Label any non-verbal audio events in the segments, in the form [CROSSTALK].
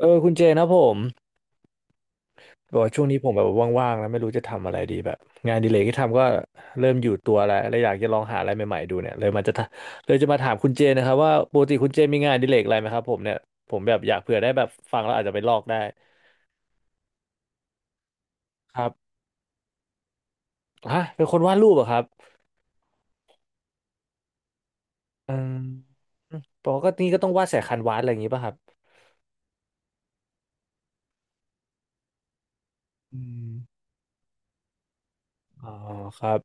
เออคุณเจนะผมบอกว่าช่วงนี้ผมแบบว่างๆแล้วไม่รู้จะทำอะไรดีแบบงานอดิเลกที่ทำก็เริ่มอยู่ตัวแล้วแล้วอยากจะลองหาอะไรใหม่ๆดูเนี่ยเลยจะมาถามคุณเจนะครับว่าปกติคุณเจมีงานอดิเลกอะไรไหมครับผมเนี่ยผมแบบอยากเผื่อได้แบบฟังแล้วอาจจะไปลอกได้ครับฮะเป็นคนวาดรูปเหรอครับอืมปกติก็ต้องวาดสายคันวาดอะไรอย่างงี้ป่ะครับอืมอ๋อครับ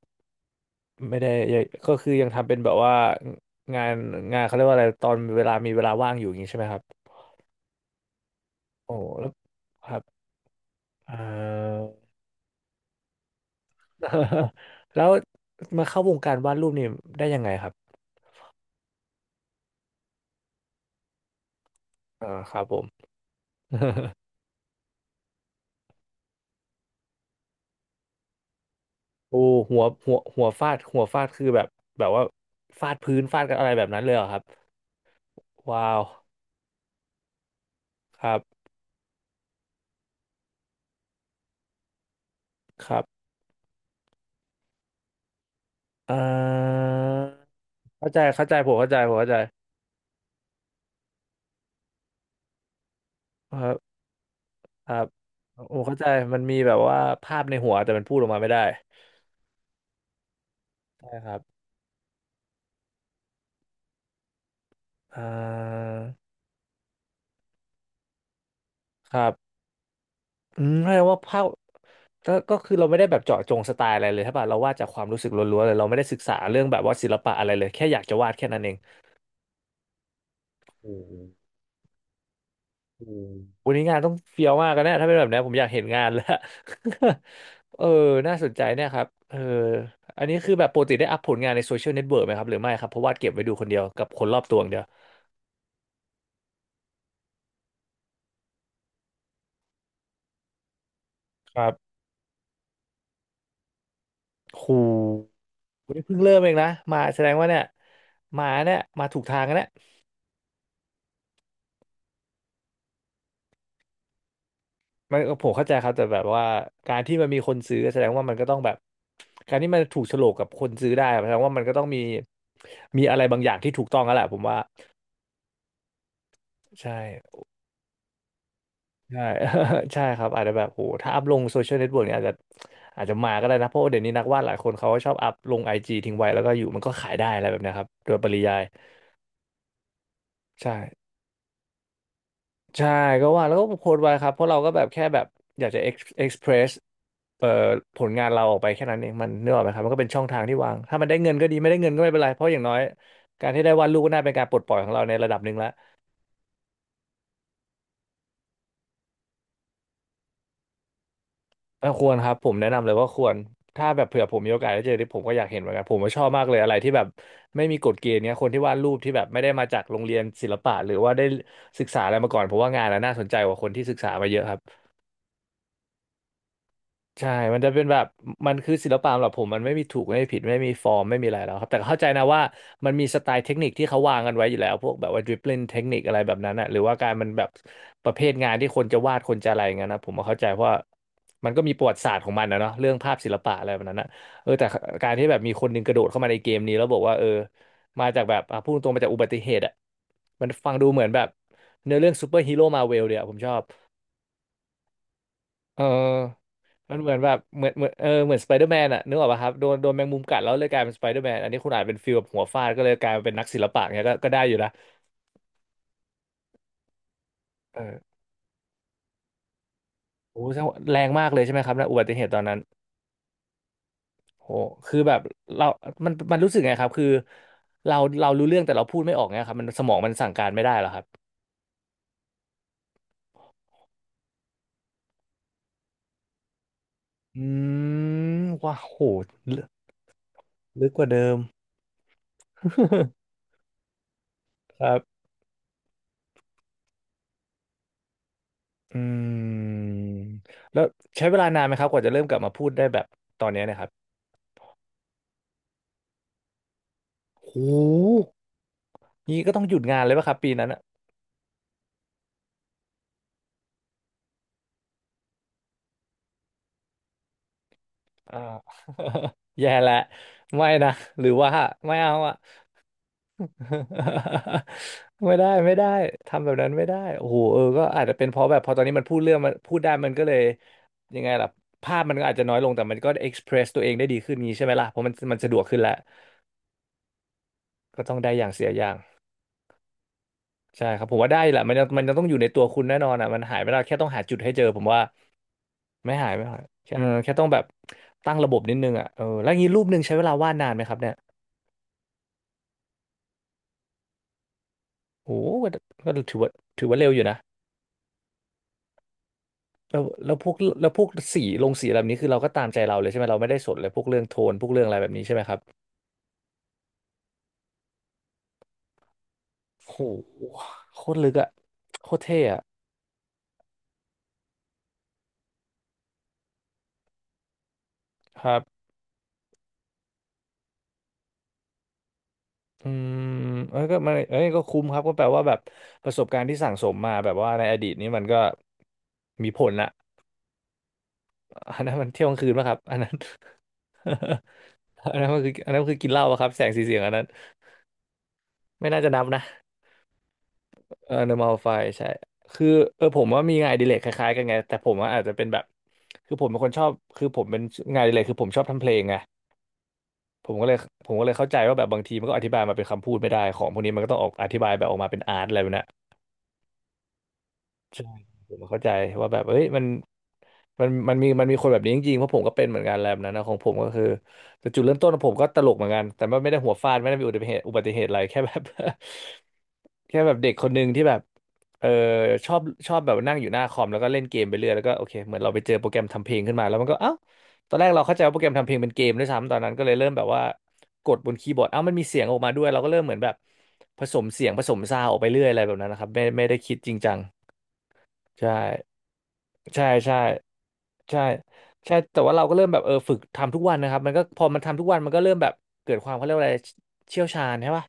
ไม่ได้ยังก็คือยังทำเป็นแบบว่างานงานเขาเรียกว่าอะไรตอนเวลามีเวลาว่างอยู่อย่างงี้ใช่ไหมครับ โอ้แล้วครับเอ่อ [LAUGHS] แล้วมาเข้าวงการวาดรูปนี่ได้ยังไงครับอ่าครับผมโอ้หัวฟาดคือแบบแบบว่าฟาดพื้นฟาดกันอะไรแบบนั้นเลยเหรอครับว้าวครับครับเอ่อเข้าใจเข้าใจผมเข้าใจผมเข้าใจครับครับโอ้เข้าใจมันมีแบบว่าภาพในหัวแต่มันพูดออกมาไม่ได้ใช่ครับเอ่อครับอืมแสดงว่าภาพ ก็ก็คือเราไม่ได้แบบเจาะจงสไตล์อะไรเลยใช่ป่ะเราวาดจากความรู้สึกล้วนๆเลยเราไม่ได้ศึกษาเรื่องแบบว่าศิลปะอะไรเลยแค่อยากจะวาดแค่นั้นเองอืมอืมวันนี้งานต้องเฟี้ยวมากกันนะถ้าเป็นแบบนี้ผมอยากเห็นงานแล้ว [LAUGHS] เออน่าสนใจเนี่ยครับเอออันนี้คือแบบปกติได้อัพผลงานในโซเชียลเน็ตเวิร์กไหมครับหรือไม่ครับเพราะวาดเก็บไว้ดูคนเดียวกับคนรอบตัวอย่างเดียวครับครูวันนี้เพิ่งเริ่มเองนะมาแสดงว่าเนี่ยมาเนี่ยมาถูกทางกันแล้ว มันผมเข้าใจครับแต่แบบว่าการที่มันมีคนซื้อแสดงว่ามันก็ต้องแบบการที่มันถูกโฉลกกับคนซื้อได้แสดงว่ามันก็ต้องมีมีอะไรบางอย่างที่ถูกต้องแล้วแหละผมว่าใช่ใช่ [LAUGHS] ใช่ครับอาจจะแบบโหถ้าอัพลงโซเชียลเน็ตเวิร์กเนี่ยอาจจะอาจจะมาก็ได้นะเพราะว่าเดี๋ยวนี้นักวาดหลายคนเขาก็ชอบอัพลงไอจีทิ้งไว้แล้วก็อยู่มันก็ขายได้อะไรแบบเนี้ยครับโดยปริยายใช่ ใช่ก็ว่าแล้วก็โพสต์ไว้ครับเพราะเราก็แบบแค่แบบอยากจะเอ็กซ์เพรสเอ่อผลงานเราออกไปแค่นั้นเองมันเนื้อออกไหมครับมันก็เป็นช่องทางที่วางถ้ามันได้เงินก็ดีไม่ได้เงินก็ไม่เป็นไรเพราะอย่างน้อยการที่ได้วาดรูปก็น่าเป็นการปลดปล่อยของเราในระดับหนึ่งแล้วเออควรครับผมแนะนำเลยว่าควรถ้าแบบเผื่อผมมีโอกาสได้เจอที่ผมก็อยากเห็นเหมือนกันผมก็ชอบมากเลยอะไรที่แบบไม่มีกฎเกณฑ์เนี้ยคนที่วาดรูปที่แบบไม่ได้มาจากโรงเรียนศิลปะหรือว่าได้ศึกษาอะไรมาก่อนผมว่างานน่ะน่าสนใจกว่าคนที่ศึกษามาเยอะครับ ใช่มันจะเป็นแบบมันคือศิลปะสำหรับผมมันไม่มีถูกไม่มีผิดไม่มีฟอร์มไม่มีอะไรแล้วครับแต่เข้าใจนะว่ามันมีสไตล์เทคนิคที่เขาวางกันไว้อยู่แล้วพวกแบบว่าดริบลิ่งเทคนิคอะไรแบบนั้นอะหรือว่าการมันแบบประเภทงานที่คนจะวาดคนจะอะไรอย่างเงี้ยนะผมก็เข้าใจเพราะว่ามันก็มีประวัติศาสตร์ของมันนะเนาะเรื่องภาพศิลปะอะไรแบบนั้นนะเออแต่การที่แบบมีคนหนึงกระโดดเข้ามาในเกมนี้แล้วบอกว่าเออมาจากแบบอ่ะพูดตรงๆมาจากอุบัติเหตุอะมันฟังดูเหมือนแบบเนื้อเรื่องซูเปอร์ฮีโร่มาเวลเลยอะผมชอบเออ มันเหมือนแบบเหมือนเหมือนสไปเดอร์แมนอะนึกออกป่ะครับโดนแมงมุมกัดแล้วเลยกลายเป็นสไปเดอร์แมนอันนี้คุณอาจเป็นฟิลแบบหัวฟาดก็เลยกลายมาเป็นนักศิลปะเนี้ยก็ได้อยู่นะเออโอ้โหแสดงว่าแรงมากเลยใช่ไหมครับนะอุบัติเหตุตอนนั้นโหคือแบบเรามันรู้สึกไงครับคือเรารู้เรื่องแต่เราพูดไม่ออกเนี้ยครับสมองมันสั่งการไม่ได้เหรอครับอืมว้าวโหลึกลึกกว่าเดิม [LAUGHS] ครับอืมแล้วใช้เวลานานไหมครับกว่าจะเริ่มกลับมาพูดได้แบบตอนเนี้ยเนะครับโห นี้ก็ต้องหยุดงานเลยป่ะครับปีนั้นอ่ะอ่า [LAUGHS] แย่และไม่นะหรือว่าไม่เอาอ่ะ [LAUGHS] ไม่ได้ทำแบบนั้นไม่ได้โอ้โหเออก็อาจจะเป็นเพราะแบบพอตอนนี้มันพูดเรื่องมันพูดได้มันก็เลยยังไงล่ะภาพมันก็อาจจะน้อยลงแต่มันก็เอ็กซ์เพรสตัวเองได้ดีขึ้นงี้ใช่ไหมล่ะเพราะมันสะดวกขึ้นแล้วก็ต้องได้อย่างเสียอย่างใช่ครับผมว่าได้แหละมันยังต้องอยู่ในตัวคุณแน่นอนอ่ะมันหายไม่ได้แค่ต้องหาจุดให้เจอผมว่า ไม่หายแค่แค่ต้องแบบตั้งระบบนิดนึงอ่ะเออแล้วงี้รูปหนึ่งใช้เวลาวาดนานไหมครับเนี่ยโอ้โหก็ถือว่าเร็วอยู่นะแล้วพวกสีลงสีแบบนี้คือเราก็ตามใจเราเลยใช่ไหมเราไม่ได้สนเลยพวกเรื่องโทนพวกเรื่องอะไรแบบนี้ใช่ไหมครับโอ้โหโคตรลึกอ่ะโคตรเท่อ่ะครับอืมเอ้ยก็มันเอ้ยก็คุ้มครับก็แปลว่าแบบประสบการณ์ที่สั่งสมมาแบบว่าในอดีตนี้มันก็มีผลอะอันนั้นมันเที่ยวกลางคืนป่ะครับอันนั้น [LAUGHS] อันนั้นมันคืออันนั้นคือกินเหล้าป่ะครับแสงสีเสียงอันนั้น ไม่น่าจะนับนะเออ normal file ใช่คือเออผมว่ามีงานอดิเรกคล้ายๆกันไง แต่ผมว่าอาจจะเป็นแบบ คือผมเป็นคนชอบคือผมเป็นงานอดิเรกคือผมชอบทำเพลงไงผมก็เลยผมก็เลยเข้าใจว่าแบบบางทีมันก็อธิบายมาเป็นคำพูดไม่ได้ของพวกนี้มันก็ต้องออกอธิบายแบบออกมาเป็นอาร์ตอะไรแบบเนี้ยใช่ผมเข้าใจว่าแบบเอ้ยมันมันมีคนแบบนี้จริงๆเพราะผมก็เป็นเหมือนกันแล้วนันนะของผมก็คือแต่จุดเริ่มต้นของผมก็ตลกเหมือนกันแต่ว่าไม่ได้หัวฟาดไม่ได้มีอุบัติเหตุอะไร [LAUGHS] แค่แบบ [LAUGHS] แค่แบบเด็กคนหนึ่งที่แบบเออชอบชอบแบบนั่งอยู่หน้าคอมแล้วก็เล่นเกมไปเรื่อยแล้วก็โอเคเหมือนเราไปเจอโปรแกรมทำเพลงขึ้นมาแล้วมันก็เอ้าตอนแรกเราเข้าใจว่าโปรแกรมทำเพลงเป็นเกมด้วยซ้ำตอนนั้นก็เลยเริ่มแบบว่ากดบนคีย์บอร์ดเอ้ามันมีเสียงออกมาด้วยเราก็เริ่มเหมือนแบบผสมเสียงผสมซาวด์ออกไปเรื่อยอะไรแบบนั้นนะครับไม่ได้คิดจริงจัง ใช่ใช่ใช่ใช่ ใช่ แต่ว่าเราก็เริ่มแบบเออฝึกทำทุกวันนะครับมันก็พอมันทำทุกวันมันก็เริ่มแบบเกิดความเขาเรียกว่าอะไรเชี่ยวชาญใช่ป่ะ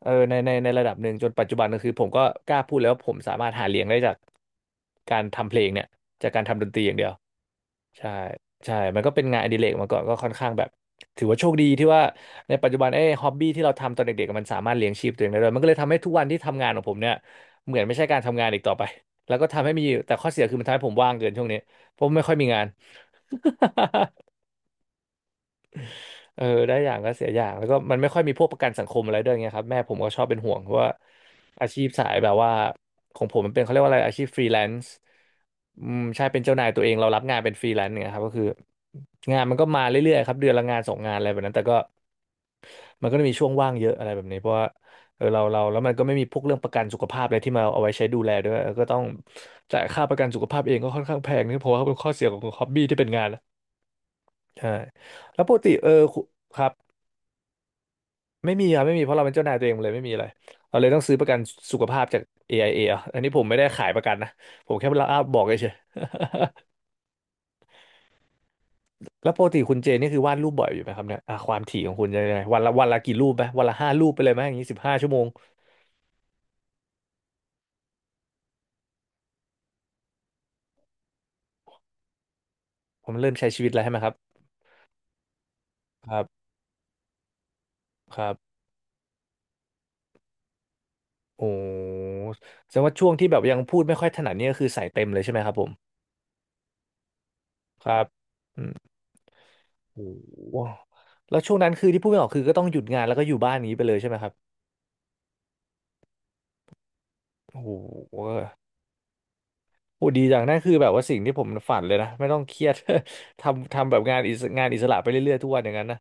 เออในระดับหนึ่งจนปัจจุบันก็คือผมก็กล้าพูดแล้วว่าผมสามารถหาเลี้ยงได้จากการทำเพลงเนี่ยจากการทำดนตรีอย่างเดียว ใช่ใช่มันก็เป็นงานอดิเรกมาก่อนก็ค่อนข้างแบบถือว่าโชคดีที่ว่าในปัจจุบันไอ้ฮอบบี้ที่เราทำตอนเด็กๆมันสามารถเลี้ยงชีพตัวเองได้ด้วยมันก็เลยทำให้ทุกวันที่ทำงานของผมเนี่ยเหมือนไม่ใช่การทำงานอีกต่อไป [LAUGHS] แล้วก็ทำให้มีแต่ข้อเสียคือมันทำให้ผมว่างเกินช่วงนี้ผมไม่ค่อยมีงาน เออได้อย่างก็เสียอย่างแล้วก็มันไม่ค่อยมีพวกประกันสังคมอะไรด้วยไงครับแม่ผมก็ชอบเป็นห่วงเพราะว่าอาชีพสายแบบว่าของผมมันเป็นเขาเรียกว่าอะไรอาชีพฟรีแลนซ์อืมใช่เป็นเจ้านายตัวเองเรารับงานเป็นฟรีแลนซ์เนี่ยครับก็คืองานมันก็มาเรื่อยๆครับเดือนละงานสองงานอะไรแบบนั้นแต่ก็มันก็จะมีช่วงว่างเยอะอะไรแบบนี้เพราะว่าเออเราแล้วมันก็ไม่มีพวกเรื่องประกันสุขภาพอะไรที่มาเอาไว้ใช้ดูแลด้วยเออก็ต้องจ่ายค่าประกันสุขภาพเองก็ค่อนข้างแพงนี่เพราะว่าเป็นข้อเสียของฮอบบี้ที่เป็นงานนะใช่แล้วปกติเออคุครับ ไม่มีครับไม่มีเพราะเราเป็นเจ้านายตัวเองเลยไม่มีอะไรเราเลยต้องซื้อประกันสุขภาพจาก AIA อไอเออ่ะอันนี้ผมไม่ได้ขายประกันนะผมแค่เล่าบอกเฉยๆ [LAUGHS] แล้วปกติคุณเจนี่คือวาดรูปบ่อยอยู่ไหมครับเนี่ยอ่ะความถี่ของคุณจะยังไงวันละกี่รูปไหมวันละ5 รูปไปเลยไหมอย่างนี้15 ชั่วโมงผมเริ่มใช้ชีวิตแล้วใช่ไหมครับครับครับโอ้แสดงว่าช่วงที่แบบยังพูดไม่ค่อยถนัดเนี่ยก็คือใส่เต็มเลยใช่ไหมครับผมครับอืมโอ้โหแล้วช่วงนั้นคือที่พูดไม่ออกคือก็ต้องหยุดงานแล้วก็อยู่บ้านอย่างนี้ไปเลยใช่ไหมครับโอ้โห โหดีจังนั่นคือแบบว่าสิ่งที่ผมฝันเลยนะไม่ต้องเครียด [LAUGHS] ทำแบบงานอิสระไปเรื่อยๆทุกวันอย่างนั้นนะ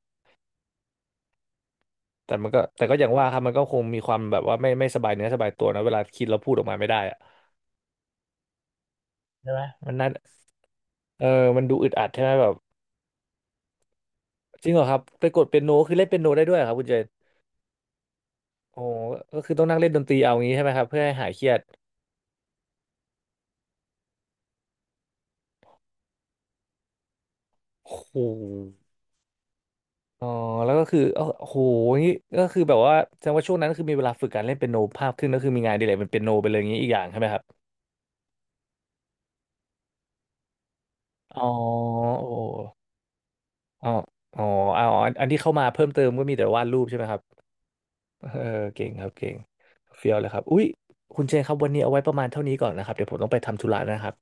แต่ก็อย่างว่าครับมันก็คงมีความแบบว่าไม่สบายเนื้อสบายตัวนะเวลาคิดแล้วพูดออกมาไม่ได้อะใช่ไหมมันนั่นเออมันดูอึดอัดใช่ไหมแบบจริงเหรอครับไปกดเปียโนคือเล่นเปียโนได้ด้วยเหรอครับคุณเจนโอ้ก็คือต้องนั่งเล่นดนตรีเอางี้ใช่ไหมครับเพื่อให้หายเครียดโอ้โหอ๋อแล้วก็คือเอ้าโอ้โหงี้ก็คือแบบว่าแสดงว่าช่วงนั้นก็คือมีเวลาฝึกการเล่นเปียโนภาพขึ้นก็คือมีงานอดีเลยเป็นเปียโนไปเลยอย่างนี้อีกอย่างใช่ไหมครับ อ๋อโอ้อ๋ออ๋ออันที่เข้ามาเพิ่มเติมก็มีแต่วาดรูปใช่ไหมครับเออเก่งครับเก่งเฟี้ยวเลยครับอุ้ยคุณเจนครับวันนี้เอาไว้ประมาณเท่านี้ก่อนนะครับเดี๋ยวผมต้องไปทำธุระนะครับ